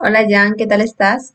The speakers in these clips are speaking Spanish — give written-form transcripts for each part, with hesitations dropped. Hola Jan, ¿qué tal estás?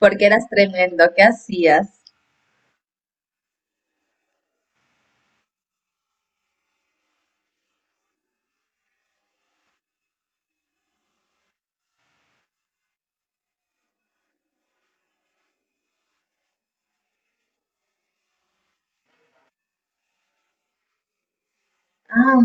Porque eras tremendo, ¿qué hacías? Ah,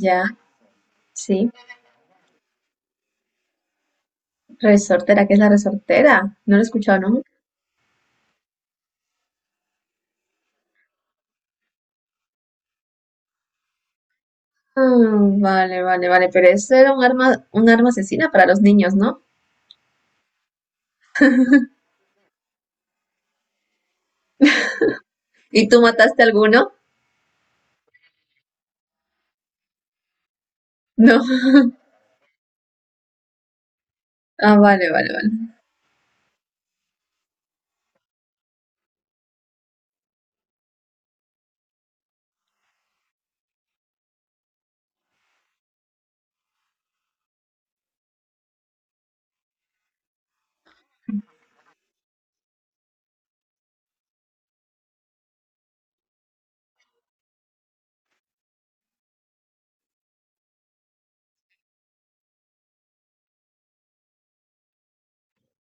ya, sí. Resortera, ¿qué es la resortera? No lo he escuchado nunca. Ah, vale, vale, vale, pero eso era un arma asesina para los niños, ¿no? ¿Y tú mataste a alguno? No. Ah, vale, vale, vale.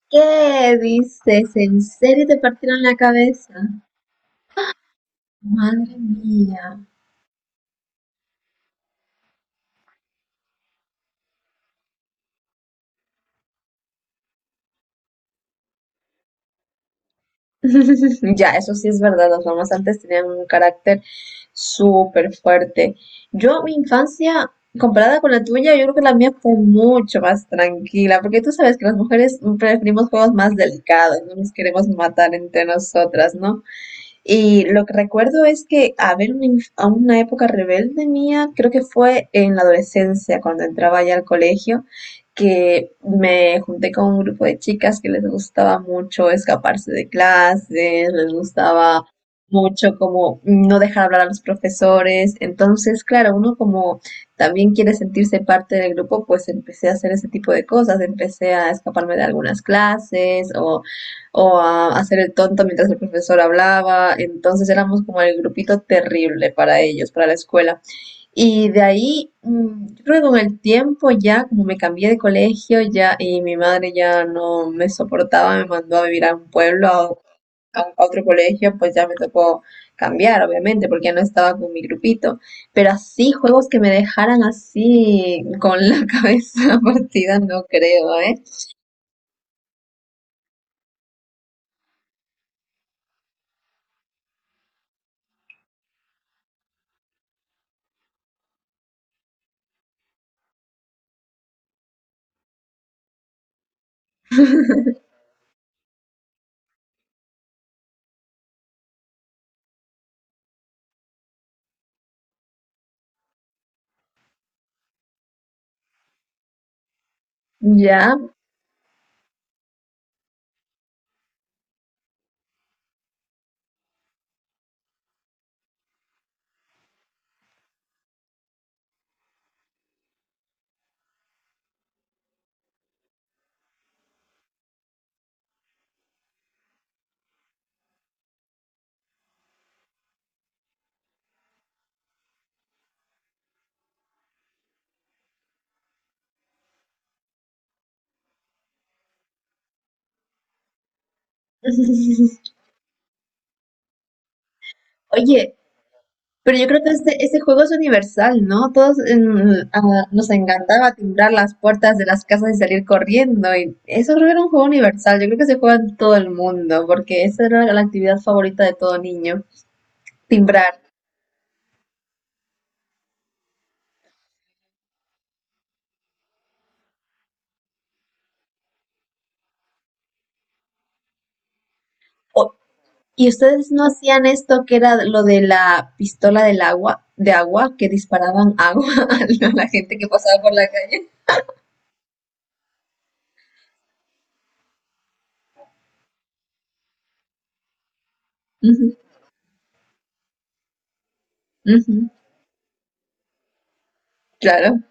¿Qué dices? ¿En serio te partieron la cabeza? Madre mía. Ya, eso sí es verdad, las mamás antes tenían un carácter súper fuerte. Yo, mi infancia, comparada con la tuya, yo creo que la mía fue mucho más tranquila, porque tú sabes que las mujeres preferimos juegos más delicados, no nos queremos matar entre nosotras, ¿no? Y lo que recuerdo es que haber una, a una época rebelde mía, creo que fue en la adolescencia, cuando entraba ya al colegio, que me junté con un grupo de chicas que les gustaba mucho escaparse de clases, les gustaba mucho como no dejar hablar a los profesores. Entonces, claro, uno como también quiere sentirse parte del grupo, pues empecé a hacer ese tipo de cosas, empecé a escaparme de algunas clases o a hacer el tonto mientras el profesor hablaba. Entonces éramos como el grupito terrible para ellos, para la escuela. Y de ahí, yo creo que con el tiempo ya, como me cambié de colegio ya y mi madre ya no me soportaba, me mandó a vivir a un pueblo, a, a otro colegio, pues ya me tocó cambiar, obviamente, porque ya no estaba con mi grupito. Pero así, juegos que me dejaran así con la cabeza partida, no creo, ¿eh? Ya. Oye, pero yo creo que este juego es universal, ¿no? Nos encantaba timbrar las puertas de las casas y salir corriendo. Y eso creo que era un juego universal. Yo creo que se juega en todo el mundo, porque esa era la actividad favorita de todo niño, timbrar. O- ¿Y ustedes no hacían esto que era lo de la pistola del agua, de agua, que disparaban agua a la gente que pasaba por la calle? Ujú, ujú, claro.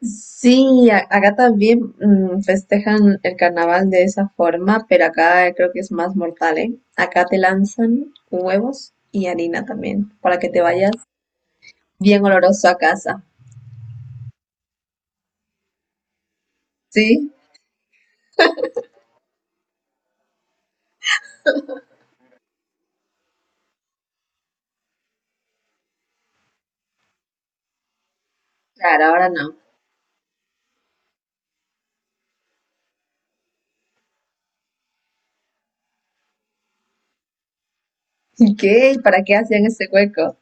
Sí, acá también festejan el carnaval de esa forma, pero acá creo que es más mortal, ¿eh? Acá te lanzan huevos y harina también, para que te vayas bien oloroso a casa. ¿Sí? Claro, ahora no. ¿Y qué? ¿Para qué hacían ese hueco?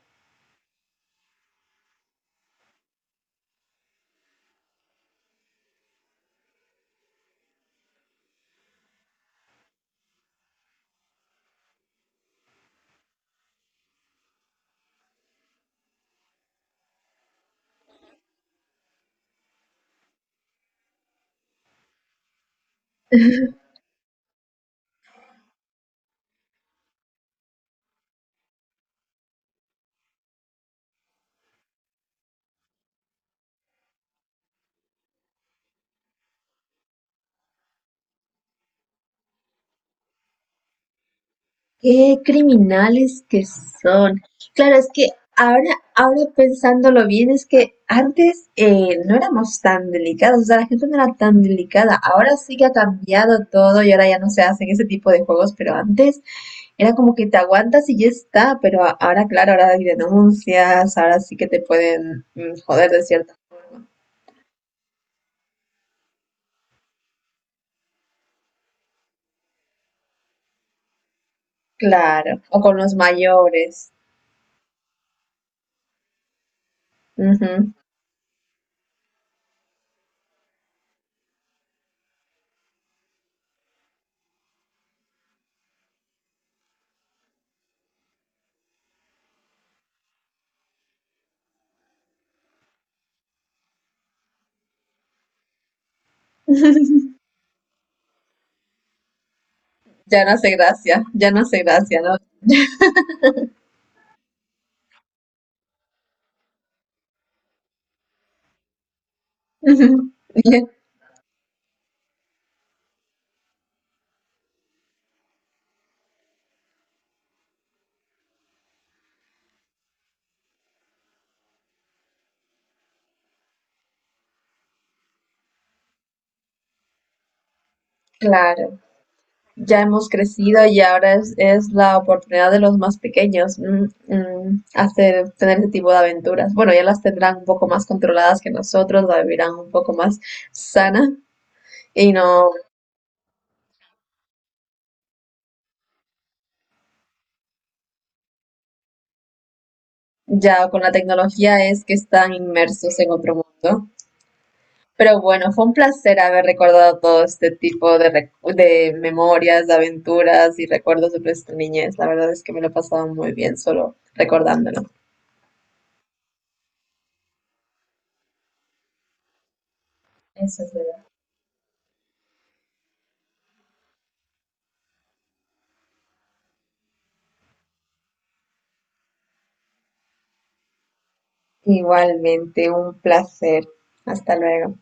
Qué criminales que son. Claro, es que ahora, ahora pensándolo bien, es que antes no éramos tan delicados, o sea, la gente no era tan delicada. Ahora sí que ha cambiado todo y ahora ya no se hacen ese tipo de juegos, pero antes era como que te aguantas y ya está, pero ahora, claro, ahora hay denuncias, ahora sí que te pueden joder de cierto. Claro, o con los mayores. Ujú. Ya no hace gracia, ya no hace gracia, ¿no? Ujú. Claro. Ya hemos crecido y ahora es la oportunidad de los más pequeños, hacer, tener ese tipo de aventuras. Bueno, ya las tendrán un poco más controladas que nosotros, la vivirán un poco más sana y no, ya con la tecnología es que están inmersos en otro mundo. Pero bueno, fue un placer haber recordado todo este tipo de, de memorias, de aventuras y recuerdos de nuestra niñez. La verdad es que me lo he pasado muy bien solo recordándolo. Eso es. Igualmente, un placer. Hasta luego.